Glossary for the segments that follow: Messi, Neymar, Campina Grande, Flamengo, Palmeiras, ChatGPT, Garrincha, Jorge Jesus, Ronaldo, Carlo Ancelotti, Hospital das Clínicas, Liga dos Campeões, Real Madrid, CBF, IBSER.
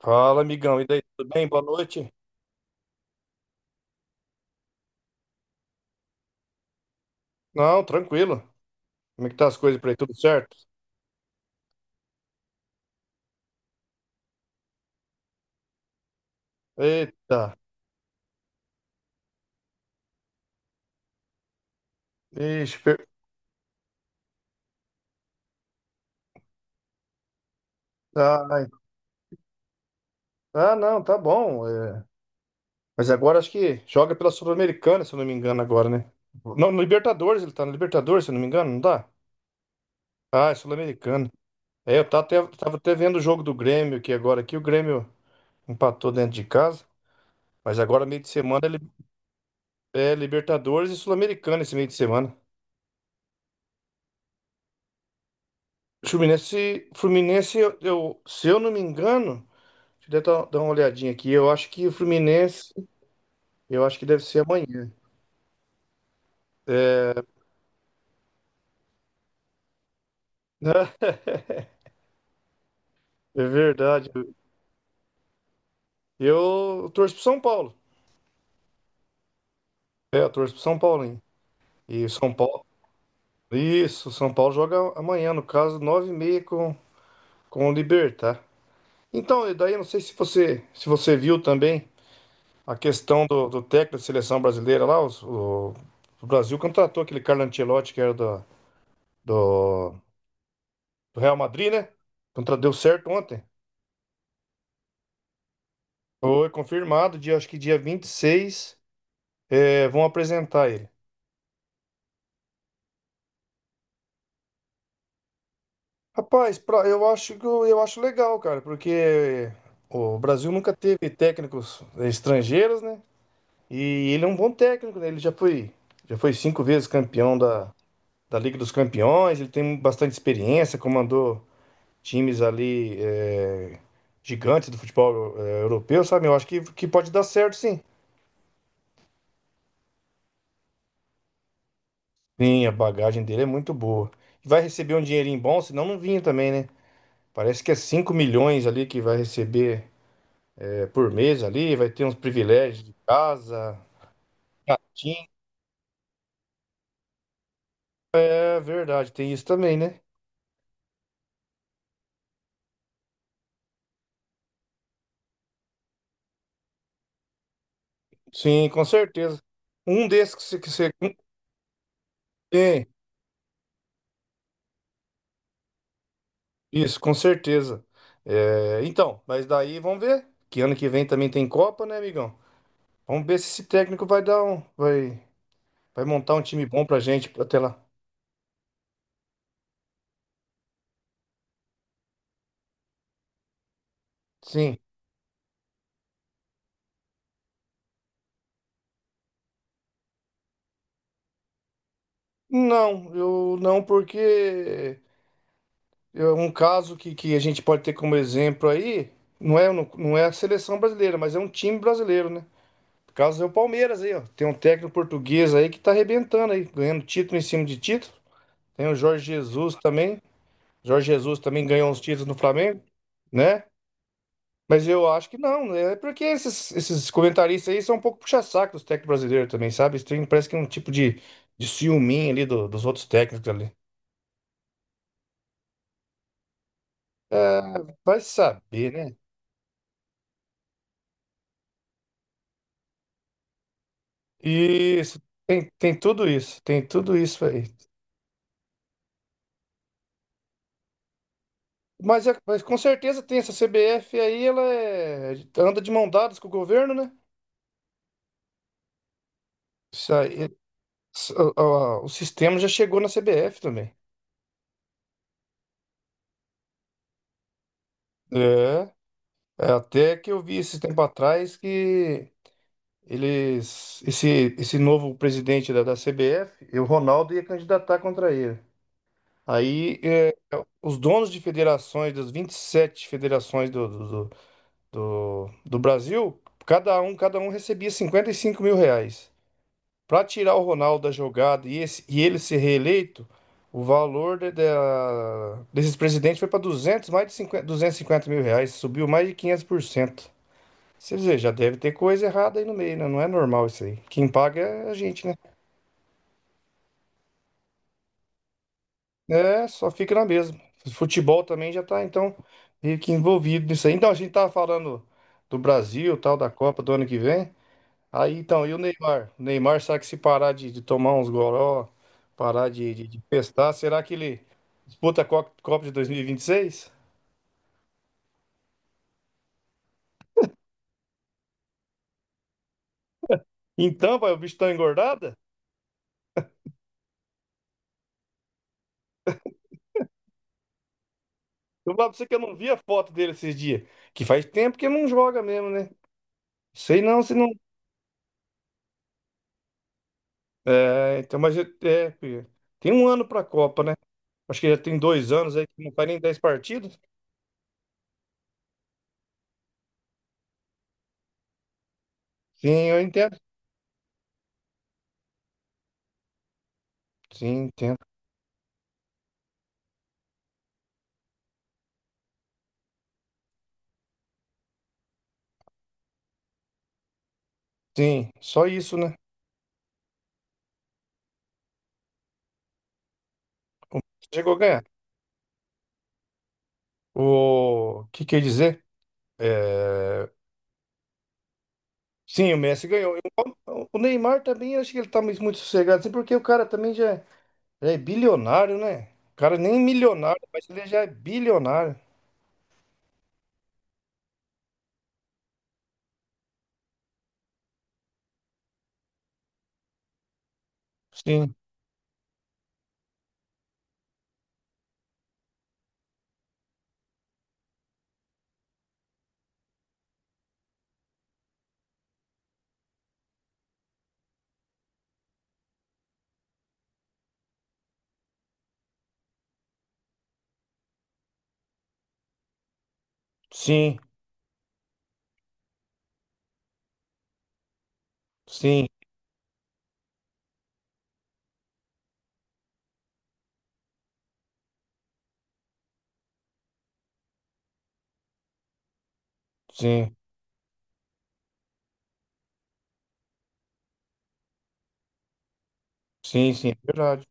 Fala, amigão. E daí, tudo bem? Boa noite. Não, tranquilo. Como é que tá as coisas por aí? Tudo certo? Eita. Ixi, per... Ai. Ah, não, tá bom. É. Mas agora acho que joga pela Sul-Americana, se eu não me engano, agora, né? Não, no Libertadores, ele tá no Libertadores, se eu não me engano, não tá? Ah, é Sul-Americana. É, eu tava até vendo o jogo do Grêmio aqui agora, aqui o Grêmio empatou dentro de casa, mas agora meio de semana li- é Libertadores e Sul-Americana esse meio de semana. Fluminense, se eu não me engano, deixa eu dar uma olhadinha aqui. Eu acho que o Fluminense, eu acho que deve ser amanhã. É, é verdade. Eu torço pro São Paulo. É, eu torço pro São Paulo, hein? E o São Paulo. Isso, o São Paulo joga amanhã, no caso, nove e meia com o Libertad. Então, e daí eu não sei se você, se você viu também a questão do técnico da seleção brasileira lá. O Brasil contratou aquele Carlo Ancelotti que era do, do Real Madrid, né? Então deu certo ontem. Foi confirmado, dia, acho que dia 26, é, vão apresentar ele. Rapaz, pra- eu acho que eu acho legal, cara, porque o Brasil nunca teve técnicos é, estrangeiros, né? E ele é um bom técnico, né? Já foi cinco vezes campeão da Liga dos Campeões, ele tem bastante experiência, comandou times ali é, gigantes do futebol é, europeu, sabe? Eu acho que pode dar certo, sim. Sim, a bagagem dele é muito boa. E vai receber um dinheirinho bom, senão não vinha também, né? Parece que é 5 milhões ali que vai receber é, por mês ali, vai ter uns privilégios de casa, gatinho. É verdade, tem isso também, né? Sim, com certeza. Um desses que você- um- Tem, isso, com certeza. É, então, mas daí vamos ver, que ano que vem também tem Copa, né, amigão? Vamos ver se esse técnico vai dar um... Vai, vai montar um time bom pra gente até lá. Sim. Não, eu não, porque é um caso que a gente pode ter como exemplo aí, não é, não é a seleção brasileira, mas é um time brasileiro, né? O caso é o Palmeiras aí, ó. Tem um técnico português aí que tá arrebentando aí, ganhando título em cima de título. Tem o Jorge Jesus também. Jorge Jesus também ganhou uns títulos no Flamengo, né? Mas eu acho que não, né? É porque esses comentaristas aí são um pouco puxa-saco dos técnicos brasileiros também, sabe? Eles têm- parece que é um tipo de ciúminho ali do- dos outros técnicos ali. Vai saber, né? Isso, tem, tem tudo isso aí. Mas, é- mas com certeza tem essa CBF aí, ela é- anda de mão dadas com o governo, né? Isso aí, s- o sistema já chegou na CBF também. É, é, até que eu vi esse tempo atrás que esse novo presidente da CBF, e o Ronaldo ia candidatar contra ele. Aí é, os donos de federações, das 27 federações do Brasil, cada um recebia 55 mil reais. Para tirar o Ronaldo da jogada e, esse- e ele ser reeleito, o valor de- da- desses presidentes foi para 200 mais de cinquenta 250 mil reais, subiu mais de 500%. Você dizer, já deve ter coisa errada aí no meio, né? Não é normal isso aí. Quem paga é a gente, né? É, só fica na mesma. Futebol também já tá, então, meio que envolvido nisso aí. Então, a gente tava falando do Brasil, tal, da Copa do ano que vem. Aí então, e o Neymar? O Neymar, será que se parar de tomar uns goró, parar de festar, será que ele disputa a Co- Copa de 2026? Então, pai, o bicho tá engordada? Eu falo pra você que eu não vi a foto dele esses dias. Que faz tempo que não joga mesmo, né? Sei não, se não. É, então, mas eu- é, filho, tem 1 ano pra Copa, né? Acho que já tem 2 anos aí que não faz nem 10 partidos. Sim, eu entendo. Sim, entendo. Sim, só isso, né? Chegou a ganhar. O que quer dizer? É, sim, o Messi ganhou. Eu- o Neymar também, eu acho que ele tá muito muito sossegado, assim, porque o cara também já, já é bilionário, né? O cara nem é milionário, mas ele já é bilionário. Sim, sim, sim, sim, sim, sim, verdade,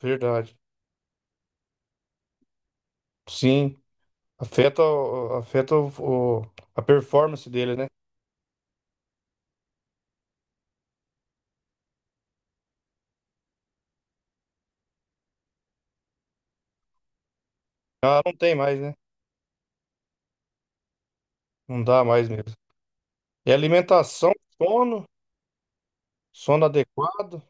verdade. Sim, afeta, o- afeta a performance dele, né? Ah, não tem mais, né? Não dá mais mesmo. E alimentação, sono, sono adequado.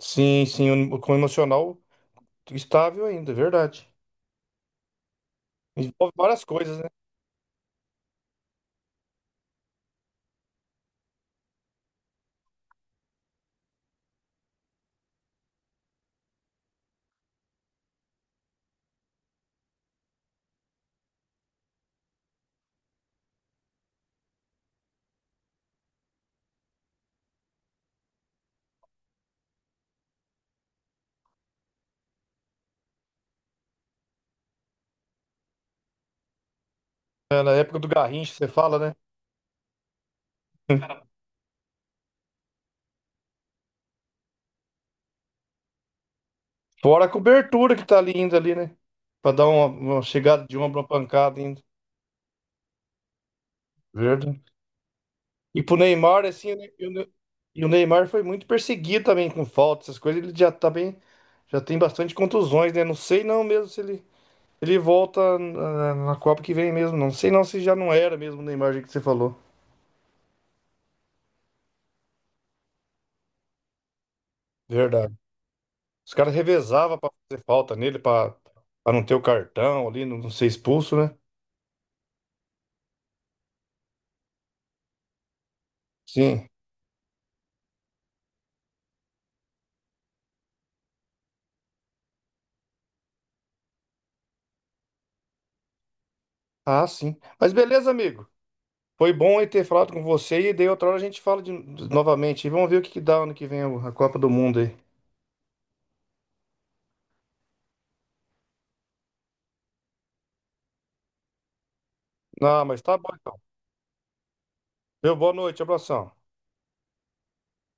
Sim, sim, o- com o emocional estável ainda, é verdade. Envolve várias coisas, né? É, na época do Garrincha, você fala, né? Fora a cobertura que tá ali ainda ali, né? Pra dar uma chegada de ombro, uma pancada ainda. Verdade. E pro Neymar, assim, e o Neymar foi muito perseguido também com falta, essas coisas. Ele já tá bem, já tem bastante contusões, né? Não sei não mesmo se ele, ele volta na Copa que vem mesmo. Não sei não se já não era mesmo o Neymar, do jeito que você falou. Verdade. Os caras revezavam pra fazer falta nele, pra, pra não ter o cartão ali, não ser expulso, né? Sim. Ah, sim. Mas beleza, amigo. Foi bom eu ter falado com você e daí outra hora a gente fala de, novamente. E vamos ver o que que dá ano que vem a Copa do Mundo aí. Não, mas tá bom então. Meu, boa noite, abração.